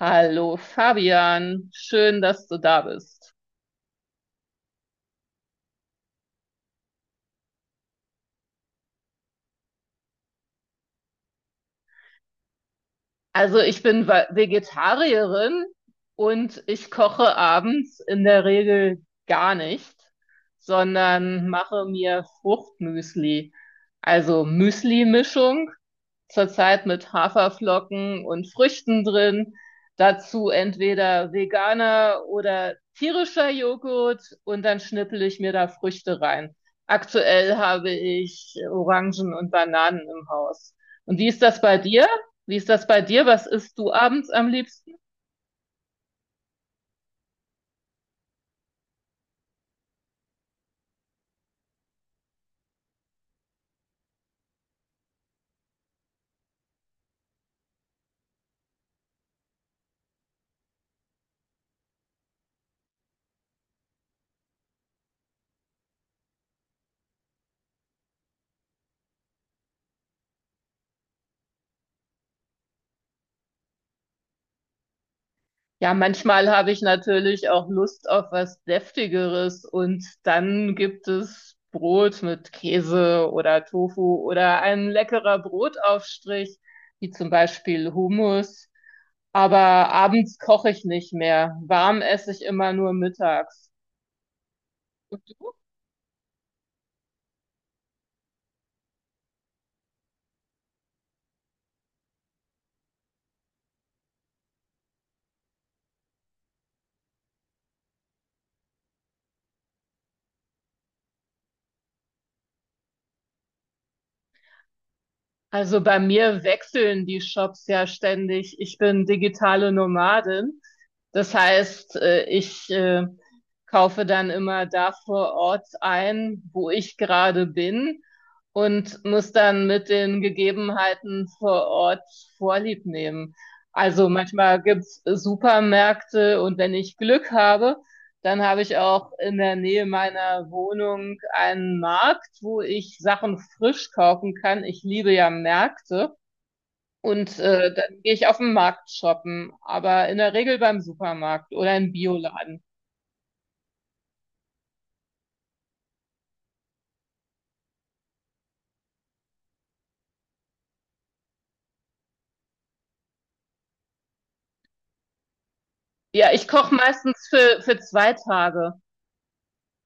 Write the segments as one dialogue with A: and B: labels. A: Hallo Fabian, schön, dass du da bist. Also ich bin Vegetarierin und ich koche abends in der Regel gar nicht, sondern mache mir Fruchtmüsli. Also Müsli-Mischung zurzeit mit Haferflocken und Früchten drin. Dazu entweder veganer oder tierischer Joghurt und dann schnippel ich mir da Früchte rein. Aktuell habe ich Orangen und Bananen im Haus. Und wie ist das bei dir? Wie ist das bei dir? Was isst du abends am liebsten? Ja, manchmal habe ich natürlich auch Lust auf was Deftigeres und dann gibt es Brot mit Käse oder Tofu oder ein leckerer Brotaufstrich, wie zum Beispiel Hummus. Aber abends koche ich nicht mehr. Warm esse ich immer nur mittags. Und du? Also bei mir wechseln die Shops ja ständig. Ich bin digitale Nomadin. Das heißt, ich kaufe dann immer da vor Ort ein, wo ich gerade bin und muss dann mit den Gegebenheiten vor Ort Vorlieb nehmen. Also manchmal gibt's Supermärkte und wenn ich Glück habe, dann habe ich auch in der Nähe meiner Wohnung einen Markt, wo ich Sachen frisch kaufen kann. Ich liebe ja Märkte. Und dann gehe ich auf den Markt shoppen, aber in der Regel beim Supermarkt oder im Bioladen. Ja, ich koche meistens für zwei Tage.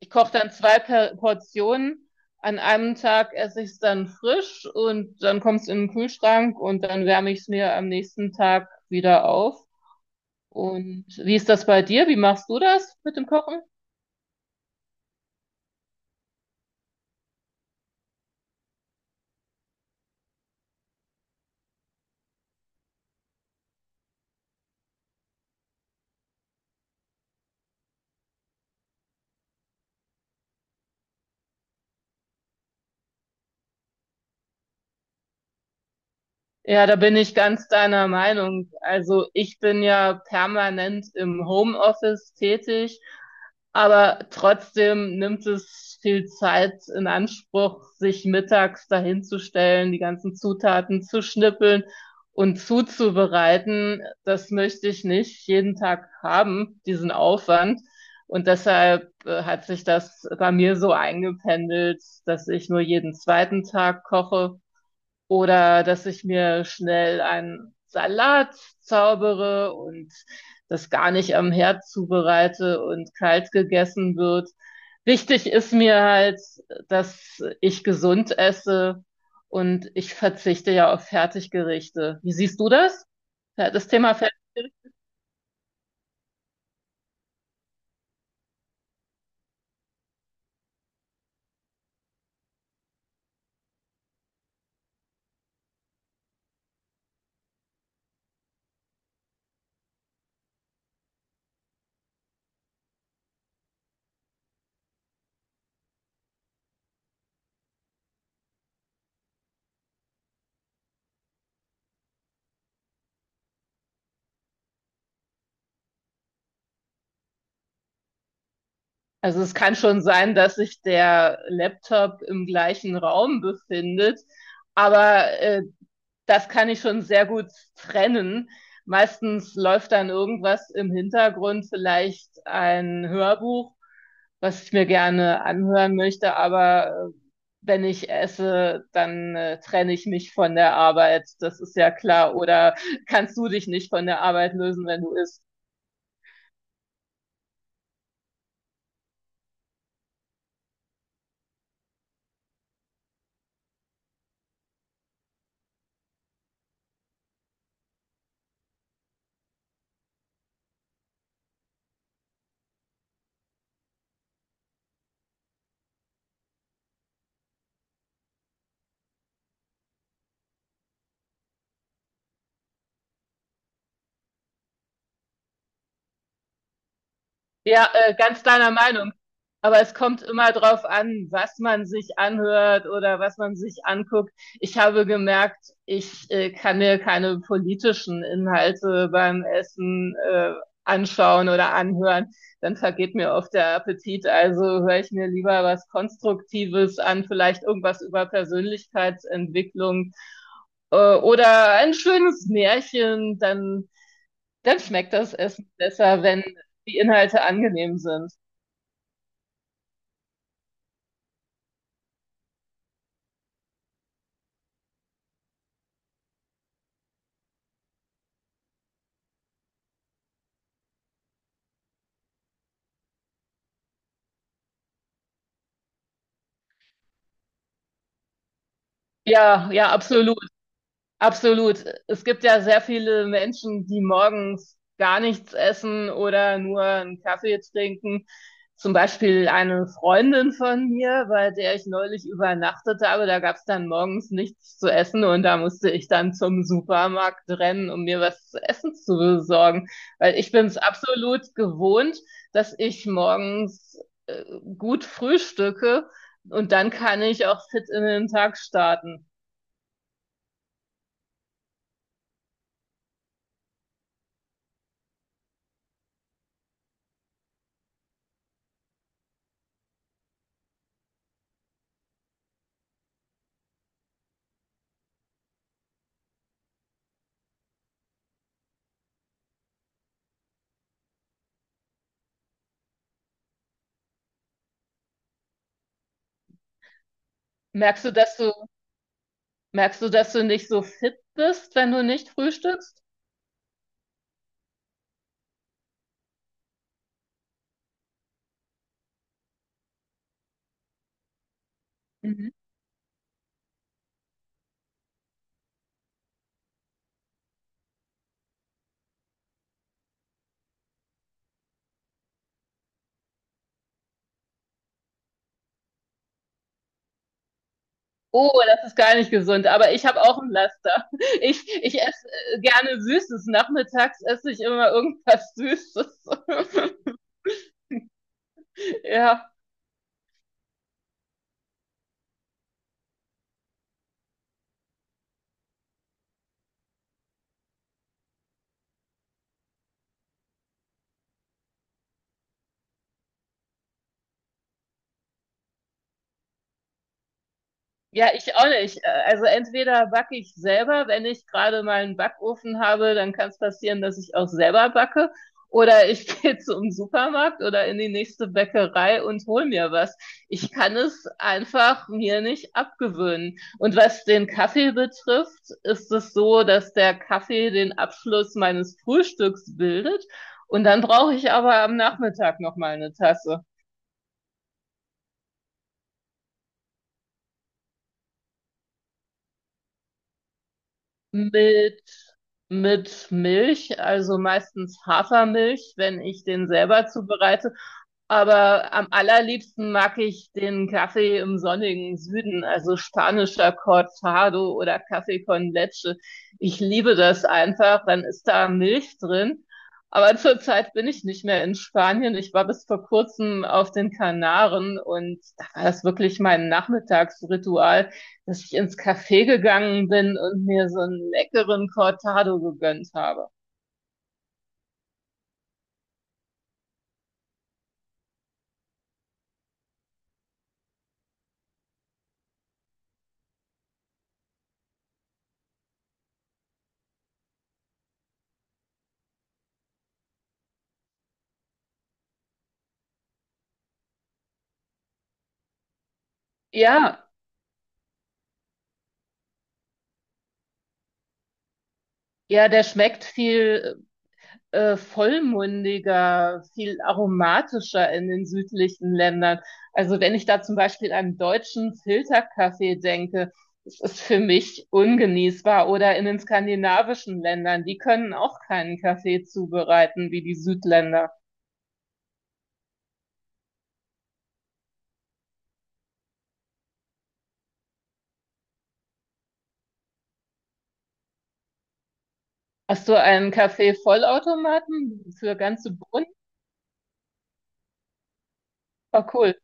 A: Ich koche dann zwei per Portionen. An einem Tag esse ich es dann frisch und dann kommt es in den Kühlschrank und dann wärme ich es mir am nächsten Tag wieder auf. Und wie ist das bei dir? Wie machst du das mit dem Kochen? Ja, da bin ich ganz deiner Meinung. Also ich bin ja permanent im Homeoffice tätig, aber trotzdem nimmt es viel Zeit in Anspruch, sich mittags dahinzustellen, die ganzen Zutaten zu schnippeln und zuzubereiten. Das möchte ich nicht jeden Tag haben, diesen Aufwand. Und deshalb hat sich das bei mir so eingependelt, dass ich nur jeden zweiten Tag koche oder dass ich mir schnell einen Salat zaubere und das gar nicht am Herd zubereite und kalt gegessen wird. Wichtig ist mir halt, dass ich gesund esse und ich verzichte ja auf Fertiggerichte. Wie siehst du das? Ja, das Thema Fertiggerichte? Also es kann schon sein, dass sich der Laptop im gleichen Raum befindet, aber das kann ich schon sehr gut trennen. Meistens läuft dann irgendwas im Hintergrund, vielleicht ein Hörbuch, was ich mir gerne anhören möchte, aber wenn ich esse, dann trenne ich mich von der Arbeit. Das ist ja klar. Oder kannst du dich nicht von der Arbeit lösen, wenn du isst? Ja, ganz deiner Meinung. Aber es kommt immer drauf an, was man sich anhört oder was man sich anguckt. Ich habe gemerkt, ich kann mir keine politischen Inhalte beim Essen anschauen oder anhören. Dann vergeht mir oft der Appetit. Also höre ich mir lieber was Konstruktives an, vielleicht irgendwas über Persönlichkeitsentwicklung oder ein schönes Märchen. Dann dann schmeckt das Essen besser, wenn die Inhalte angenehm sind. Ja, ja, absolut. Absolut. Es gibt ja sehr viele Menschen, die morgens gar nichts essen oder nur einen Kaffee trinken. Zum Beispiel eine Freundin von mir, bei der ich neulich übernachtet habe, da gab es dann morgens nichts zu essen und da musste ich dann zum Supermarkt rennen, um mir was zu essen zu besorgen. Weil ich bin es absolut gewohnt, dass ich morgens, äh, gut frühstücke und dann kann ich auch fit in den Tag starten. Merkst du, dass du Merkst du, dass du nicht so fit bist, wenn du nicht frühstückst? Mhm. Oh, das ist gar nicht gesund, aber ich habe auch ein Laster. Ich esse gerne Süßes. Nachmittags esse ich immer irgendwas Süßes. Ja. Ja, ich auch nicht. Also entweder backe ich selber, wenn ich gerade mal einen Backofen habe, dann kann es passieren, dass ich auch selber backe. Oder ich gehe zum Supermarkt oder in die nächste Bäckerei und hol mir was. Ich kann es einfach mir nicht abgewöhnen. Und was den Kaffee betrifft, ist es so, dass der Kaffee den Abschluss meines Frühstücks bildet. Und dann brauche ich aber am Nachmittag noch mal eine Tasse. Mit, mit Milch, also meistens Hafermilch, wenn ich den selber zubereite. Aber am allerliebsten mag ich den Kaffee im sonnigen Süden, also spanischer Cortado oder Kaffee con Leche. Ich liebe das einfach, dann ist da Milch drin. Aber zurzeit bin ich nicht mehr in Spanien. Ich war bis vor kurzem auf den Kanaren und da war das wirklich mein Nachmittagsritual, dass ich ins Café gegangen bin und mir so einen leckeren Cortado gegönnt habe. Ja, ja, der schmeckt viel vollmundiger, viel aromatischer in den südlichen Ländern. Also wenn ich da zum Beispiel an deutschen Filterkaffee denke, das ist für mich ungenießbar. Oder in den skandinavischen Ländern, die können auch keinen Kaffee zubereiten wie die Südländer. Hast du einen Kaffee-Vollautomaten für ganze Bohnen? Oh, cool.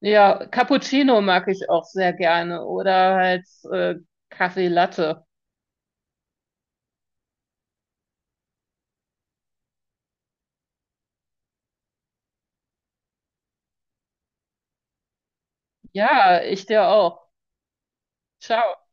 A: Ja, Cappuccino mag ich auch sehr gerne oder halt Kaffee Latte. Ja, ich dir auch. Ciao.